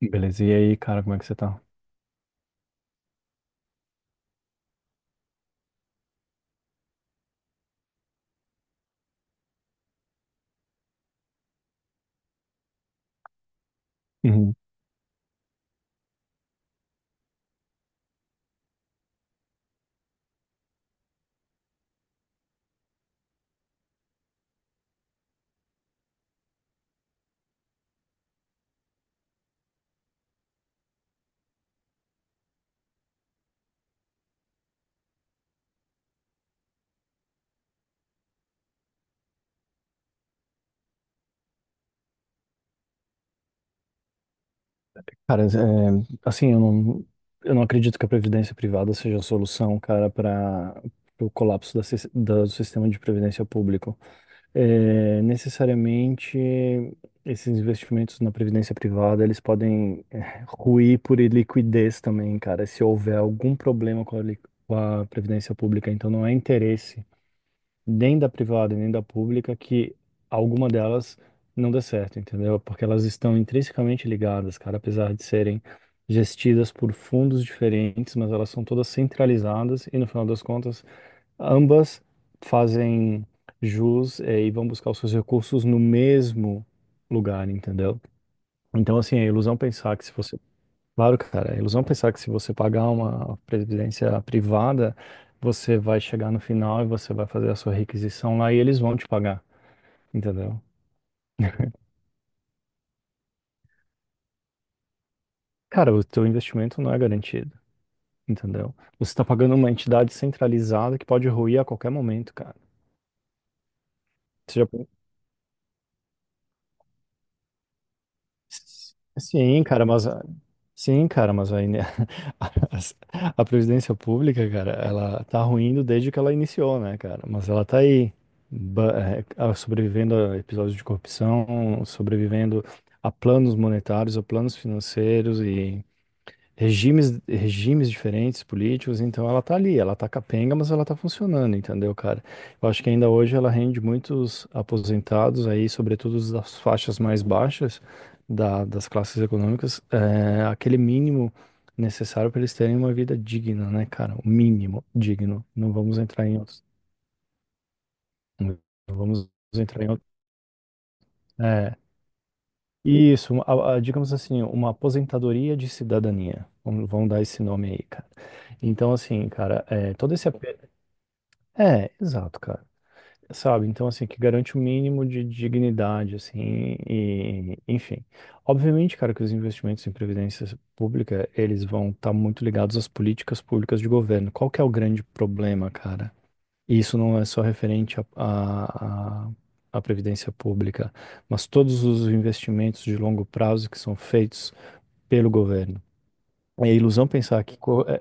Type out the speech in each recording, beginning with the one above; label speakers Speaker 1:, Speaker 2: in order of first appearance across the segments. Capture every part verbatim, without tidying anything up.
Speaker 1: Beleza, e aí, cara, como é que você tá? Uhum. Cara, é, assim, eu não, eu não acredito que a previdência privada seja a solução, cara, para o colapso da sis- da- do sistema de previdência público. É, necessariamente, esses investimentos na previdência privada, eles podem é, ruir por iliquidez também, cara, se houver algum problema com a, li- com a previdência pública. Então, não é interesse nem da privada, nem da pública, que alguma delas não dê certo, entendeu? Porque elas estão intrinsecamente ligadas, cara, apesar de serem gestidas por fundos diferentes, mas elas são todas centralizadas e, no final das contas, ambas fazem jus, eh, e vão buscar os seus recursos no mesmo lugar, entendeu? Então, assim, é ilusão pensar que se você Claro, cara, é ilusão pensar que se você pagar uma previdência privada, você vai chegar no final e você vai fazer a sua requisição lá e eles vão te pagar, entendeu? Cara, o teu investimento não é garantido, entendeu? Você está pagando uma entidade centralizada que pode ruir a qualquer momento, cara. Você já Sim, cara, mas sim, cara, mas aí, né, a, a previdência pública, cara, ela tá ruindo desde que ela iniciou, né, cara? Mas ela tá aí, ba- é, a- sobrevivendo a episódios de corrupção, sobrevivendo a planos monetários, a planos financeiros, regimes, regimes diferentes políticos, então ela tá ali, ela tá capenga, mas ela tá funcionando, entendeu, cara? Eu acho que ainda hoje ela rende muitos aposentados aí, sobretudo os das faixas mais baixas da- das classes econômicas, é, aquele mínimo necessário para eles terem uma vida digna, né, cara? O mínimo digno. Não vamos entrar em outros, não vamos entrar em outros. é, Isso, a- a- digamos assim, uma aposentadoria de cidadania. Vamos, vamos dar esse nome aí, cara. Então, assim, cara, é, todo esse apelo. É, exato, cara. Sabe? Então, assim, que garante o mínimo de dignidade, assim, e, enfim. Obviamente, cara, que os investimentos em previdência pública, eles vão estar muito ligados às políticas públicas de governo. Qual que é o grande problema, cara? E isso não é só referente à à- à- à previdência pública, mas todos os investimentos de longo prazo que são feitos pelo governo. É ilusão pensar que. co- é-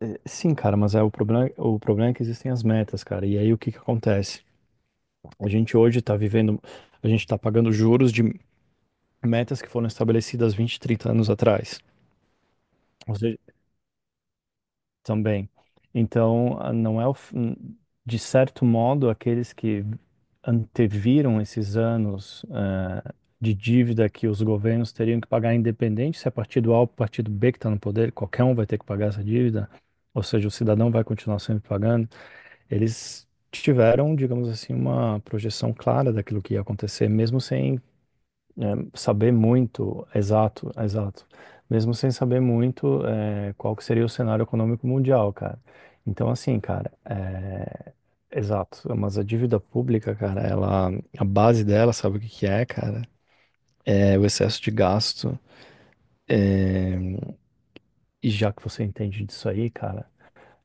Speaker 1: é- Sim, cara, mas é o problema, o problema é que existem as metas, cara. E aí o que que acontece? A gente hoje está vivendo, a gente está pagando juros de metas que foram estabelecidas vinte, trinta anos atrás. Também. Então, a- não é o, f- n- de certo modo, aqueles que anteviram esses anos eh, de dívida que os governos teriam que pagar, independente se é partido A ou partido B que está no poder, qualquer um vai ter que pagar essa dívida, ou seja, o cidadão vai continuar sempre pagando. Eles tiveram, digamos assim, uma projeção clara daquilo que ia acontecer, mesmo sem é, saber muito, exato, exato. Mesmo sem saber muito, é, qual que seria o cenário econômico mundial, cara. Então, assim, cara, é, exato. Mas a dívida pública, cara, ela, a base dela, sabe o que que é, cara? É o excesso de gasto. É, e já que você entende disso aí, cara,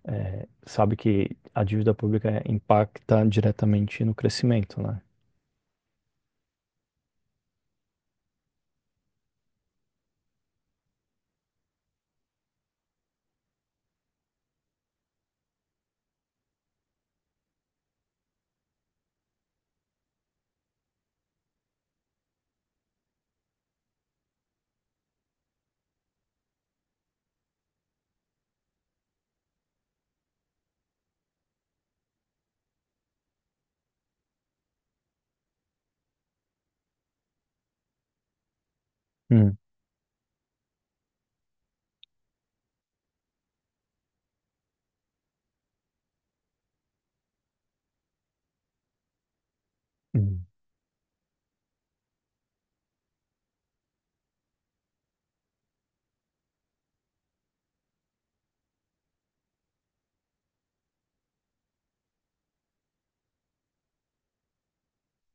Speaker 1: é, sabe que a dívida pública impacta diretamente no crescimento, né? Hum, hum,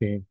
Speaker 1: sim.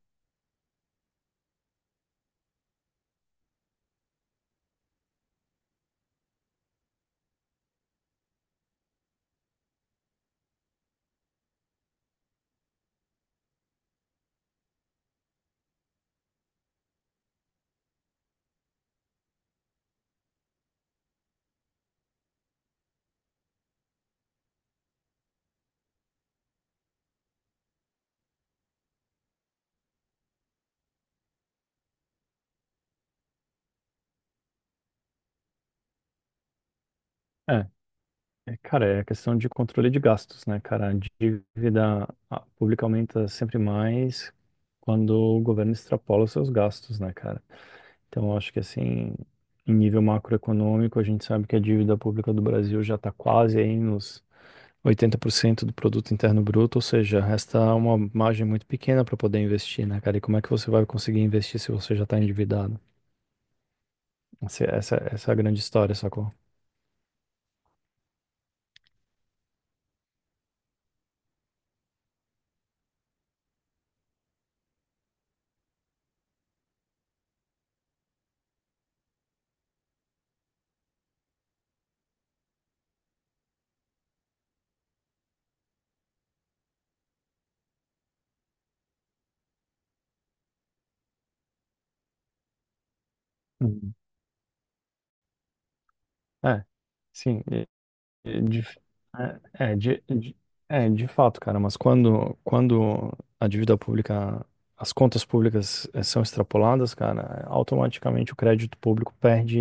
Speaker 1: É, cara, é a questão de controle de gastos, né, cara? A dívida ah, pública aumenta sempre mais quando o governo extrapola os seus gastos, né, cara? Então, eu acho que, assim, em nível macroeconômico, a gente sabe que a dívida pública do Brasil já está quase aí nos oitenta por cento do produto interno bruto, ou seja, resta uma margem muito pequena para poder investir, né, cara? E como é que você vai conseguir investir se você já está endividado? Essa, essa essa é a grande história, sacou? Uhum. É, sim. De, é, é, de, de- é, De fato, cara, mas quando, quando a dívida pública, as contas públicas eh, são extrapoladas, cara, automaticamente o crédito público perde,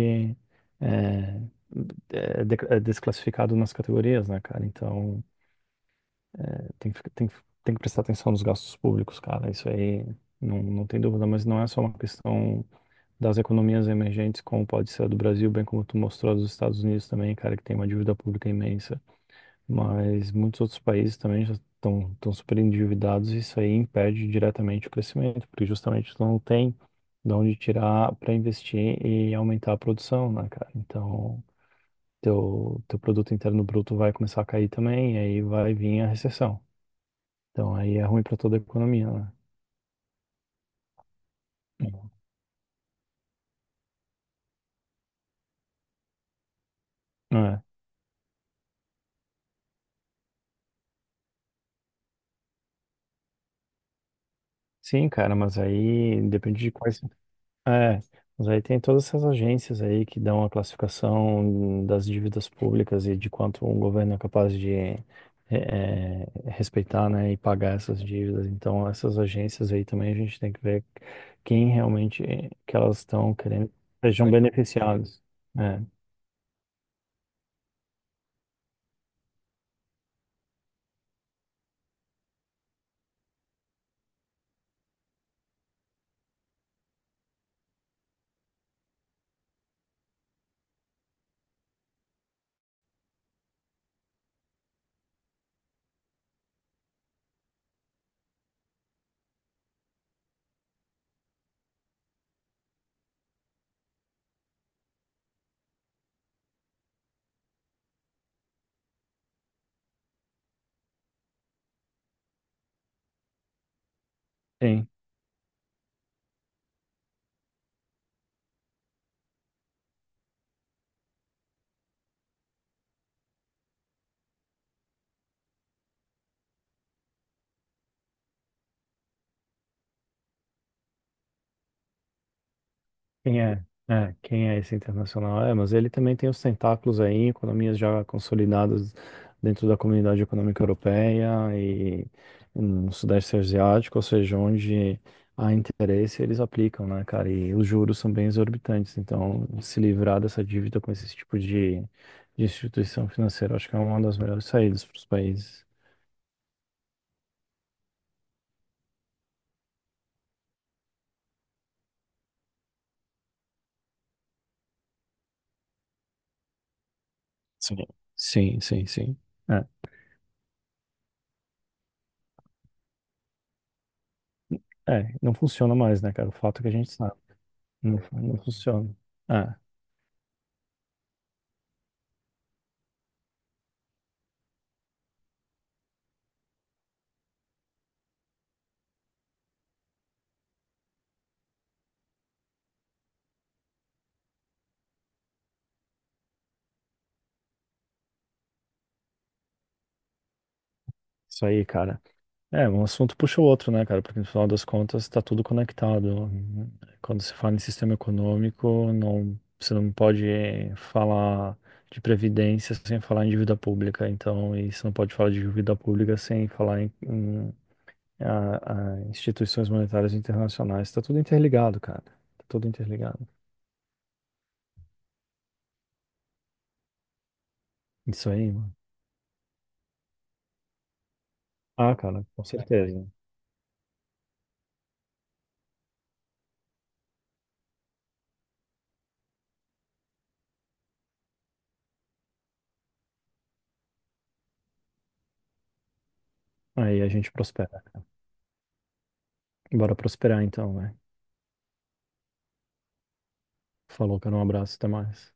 Speaker 1: é, é, de- é desclassificado nas categorias, né, cara? Então, eh, tem, que fi- tem, que fi- tem que prestar atenção nos gastos públicos, cara, isso aí não, não tem dúvida, mas não é só uma questão das economias emergentes, como pode ser a do Brasil, bem como tu mostrou a dos Estados Unidos também, cara, que tem uma dívida pública imensa. Mas muitos outros países também já estão estão super endividados e isso aí impede diretamente o crescimento, porque justamente tu não tem de onde tirar para investir e aumentar a produção, né, cara? Então, teu, teu produto interno bruto vai começar a cair também, e aí vai vir a recessão. Então, aí é ruim para toda a economia, né? É. Sim, cara, mas aí depende de quais. É, mas aí tem todas essas agências aí que dão a classificação das dívidas públicas e de quanto um governo é capaz de eh, eh, respeitar, né, e pagar essas dívidas. Então, essas agências aí também a gente tem que ver quem realmente que elas estão querendo sejam Vai ter um- beneficiados. É, sim. Quem é? É, quem é esse internacional? É, mas ele também tem os tentáculos aí em economias já consolidadas dentro da Comunidade Econômica Europeia e no Sudeste Asiático, ou seja, onde há interesse, eles aplicam, né, cara? E os juros são bem exorbitantes, então se livrar dessa dívida com esse tipo de, de instituição financeira, acho que é uma das melhores saídas para os países. Sim. Sim, sim, sim. É, é, não funciona mais, né, cara? O fato é que a gente sabe, não, não funciona. É. Isso aí, cara. É, um assunto puxa o outro, né, cara? Porque no final das contas tá tudo conectado. Quando se fala em sistema econômico, não, você não pode falar de previdência sem falar em dívida pública. Então, e você não pode falar de dívida pública sem falar em, em- a- a instituições monetárias internacionais. Tá tudo interligado, cara. Tá tudo interligado. Isso aí, mano. Ah, cara, com certeza. Aí a gente prospera. Bora prosperar então, né? Falou, cara. Um abraço, até mais.